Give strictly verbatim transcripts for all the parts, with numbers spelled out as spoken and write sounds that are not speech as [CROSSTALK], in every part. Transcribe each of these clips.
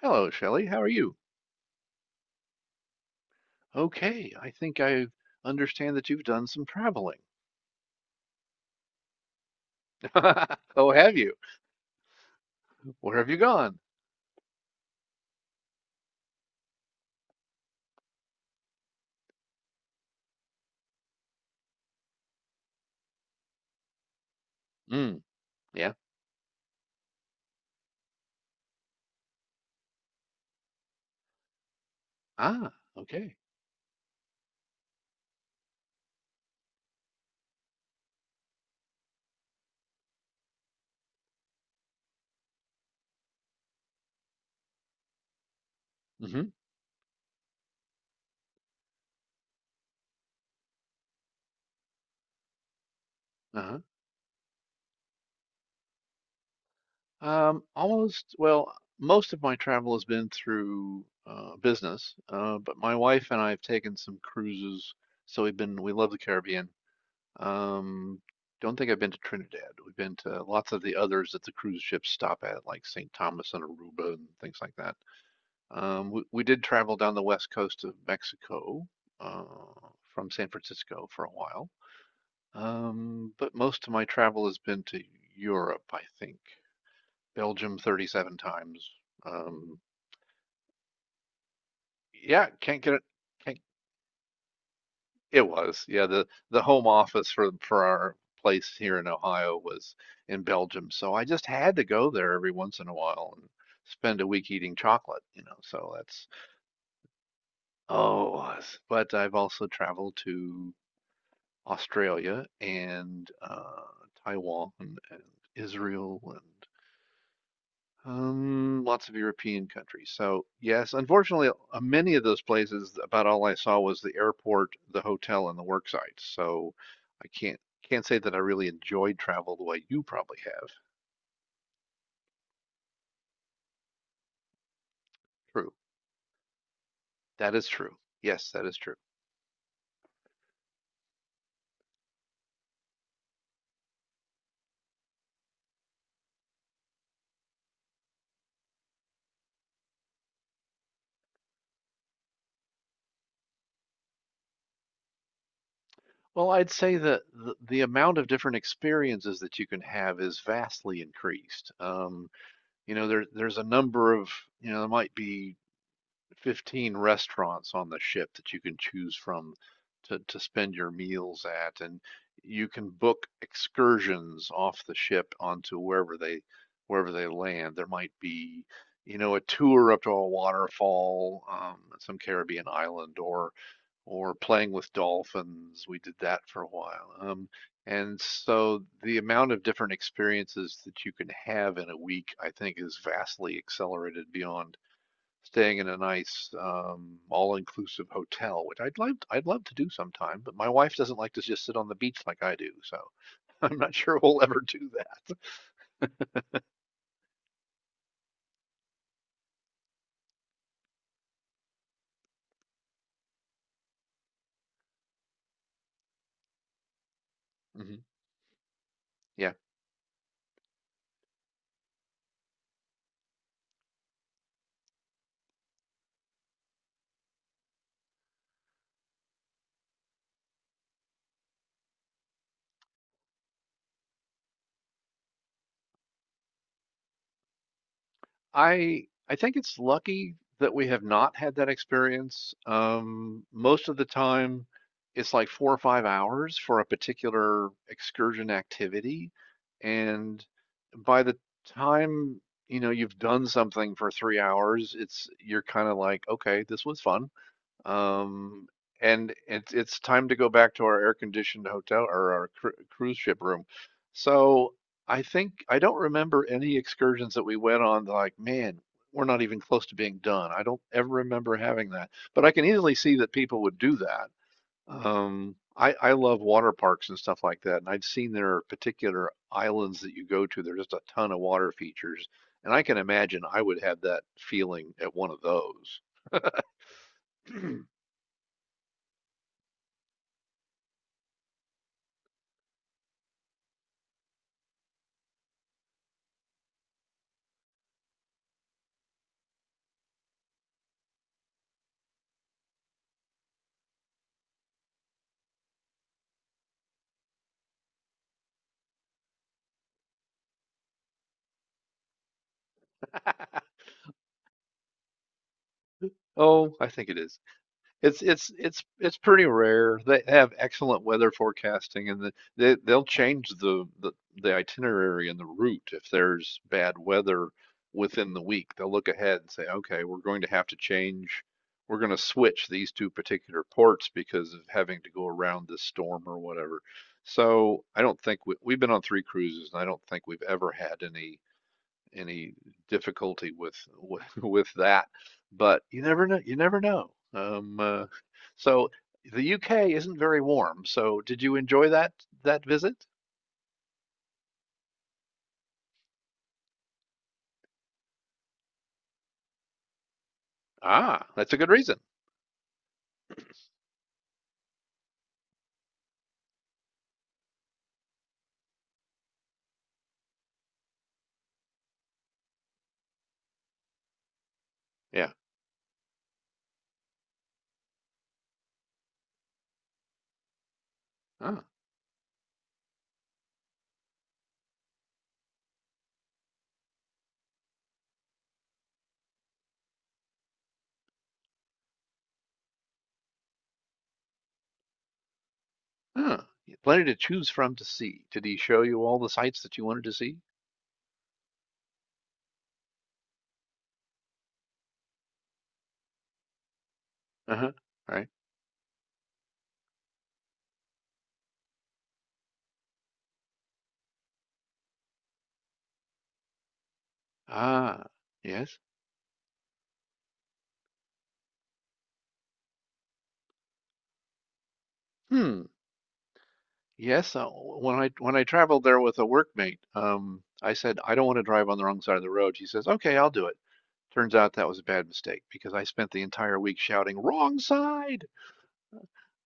Hello, Shelley. How are you? Okay, I think I understand that you've done some traveling. [LAUGHS] Oh, have you? Where have you gone? Mm, yeah. Ah, okay. Mm-hmm. Uh-huh. Um, almost, well, most of my travel has been through uh, business, uh, but my wife and I have taken some cruises, so we've been, we love the Caribbean. Um, don't think I've been to Trinidad. We've been to lots of the others that the cruise ships stop at, like saint Thomas and Aruba and things like that. Um, we, we did travel down the west coast of Mexico uh, from San Francisco for a while. Um, but most of my travel has been to Europe, I think. Belgium thirty-seven times. Um, yeah, can't get it. Can't, it was. Yeah, the, the home office for, for our place here in Ohio was in Belgium. So I just had to go there every once in a while and spend a week eating chocolate, you know. So that's, oh, it was, but I've also traveled to Australia and uh, Taiwan and Israel and um, lots of European countries. So yes, unfortunately, uh, many of those places, about all I saw was the airport, the hotel, and the work sites. So I can't can't say that I really enjoyed travel the way you probably have. True. That is true. Yes, that is true. Well, I'd say that the, the amount of different experiences that you can have is vastly increased. Um, you know, there, there's a number of, you know, there might be fifteen restaurants on the ship that you can choose from to, to spend your meals at. And you can book excursions off the ship onto wherever they wherever they land. There might be, you know, a tour up to a waterfall um, at some Caribbean island, or or playing with dolphins. We did that for a while. Um, and so the amount of different experiences that you can have in a week, I think, is vastly accelerated beyond staying in a nice um, all-inclusive hotel, which I'd like I'd love to do sometime, but my wife doesn't like to just sit on the beach like I do, so [LAUGHS] I'm not sure we'll ever do that. Hmm. Yeah, I I think it's lucky that we have not had that experience. Um, most of the time, it's like four or five hours for a particular excursion activity, and by the time you know you've done something for three hours, it's you're kind of like, okay, this was fun. Um, and it's it's time to go back to our air-conditioned hotel or our cru cruise ship room. So I think I don't remember any excursions that we went on that like, man, we're not even close to being done. I don't ever remember having that, but I can easily see that people would do that. Um, I I love water parks and stuff like that, and I've seen there are particular islands that you go to. There's just a ton of water features, and I can imagine I would have that feeling at one of those. [LAUGHS] Oh, I think it is. It's it's it's it's pretty rare. They have excellent weather forecasting, and the, they they'll change the, the the itinerary and the route if there's bad weather within the week. They'll look ahead and say, okay, we're going to have to change. We're going to switch these two particular ports because of having to go around this storm or whatever. So I don't think we, we've been on three cruises, and I don't think we've ever had any any difficulty with with, [LAUGHS] with that. But you never know. You never know. Um, uh, so the U K isn't very warm. So did you enjoy that that visit? Ah, that's a good reason. Yeah. Ah, ah, yeah, plenty to choose from to see. Did he show you all the sights that you wanted to see? Uh-huh. All right. Ah, yes. Hmm. Yes. Uh, when I when I traveled there with a workmate, um, I said I don't want to drive on the wrong side of the road. She says, "Okay, I'll do it." Turns out that was a bad mistake because I spent the entire week shouting, wrong side.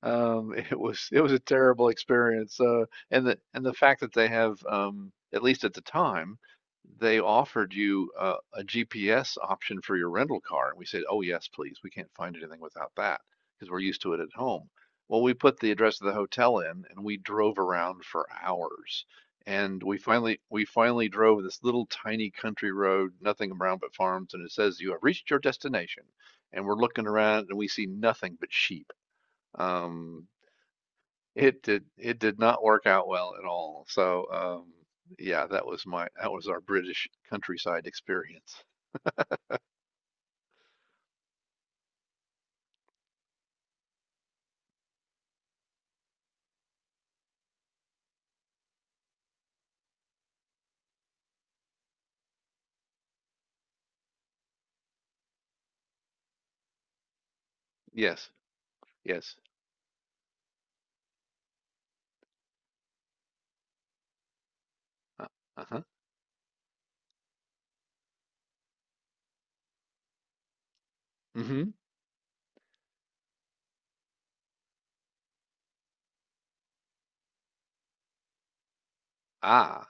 Um, [LAUGHS] it was it was a terrible experience. Uh, and the and the fact that they have, um, at least at the time, they offered you uh, a G P S option for your rental car, and we said, "Oh yes, please. We can't find anything without that because we're used to it at home." Well, we put the address of the hotel in, and we drove around for hours. And we finally we finally drove this little tiny country road, nothing around but farms, and it says you have reached your destination. And we're looking around, and we see nothing but sheep. Um, it did it did not work out well at all. So um, yeah, that was my that was our British countryside experience. Yes, yes. Uh, uh-huh. Hmm. Ah.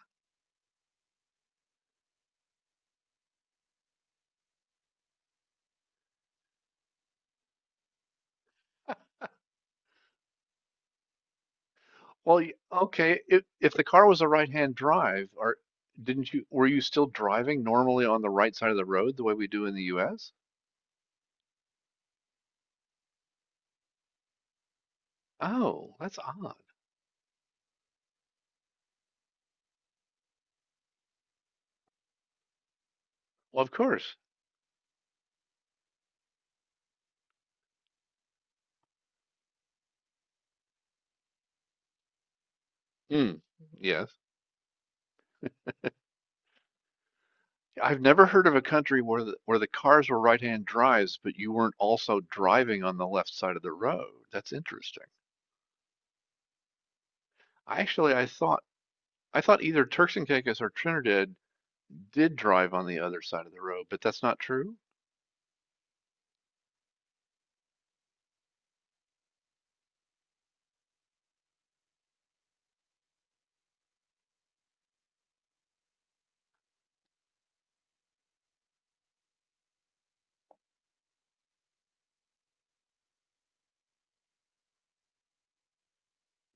Well, y- okay, if if the car was a right-hand drive, or didn't you were you still driving normally on the right side of the road the way we do in the U S? Oh, that's odd. Well, of course. Hmm. Yes. I've never heard of a country where the, where the cars were right-hand drives, but you weren't also driving on the left side of the road. That's interesting. I actually I thought I thought either Turks and Caicos or Trinidad did drive on the other side of the road, but that's not true.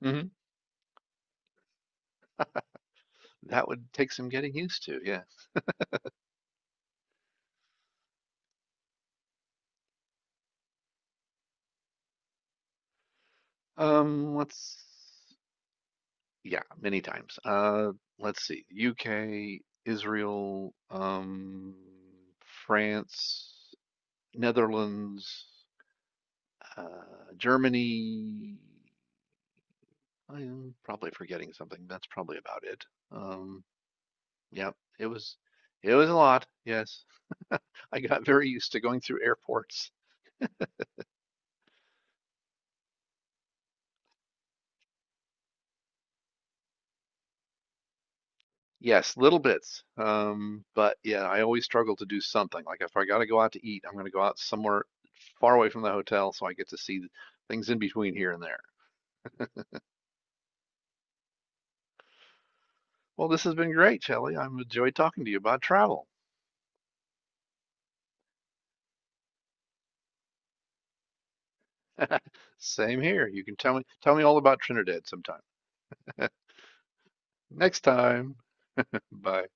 Hmm. That would take some getting used to. Yeah. Um. Let's. Yeah. Many times. Uh. Let's see. U K, Israel, um, France, Netherlands, uh, Germany. I am probably forgetting something. That's probably about it. Um, yeah, it was, it was a lot. Yes, [LAUGHS] I got very used to going through airports. Yes, little bits. Um, but yeah, I always struggle to do something. Like if I got to go out to eat, I'm going to go out somewhere far away from the hotel so I get to see things in between here and there. Well, this has been great, Shelley. I've enjoyed talking to you about travel. Same here. You can tell me tell me all about Trinidad sometime. [LAUGHS] Next time. Bye.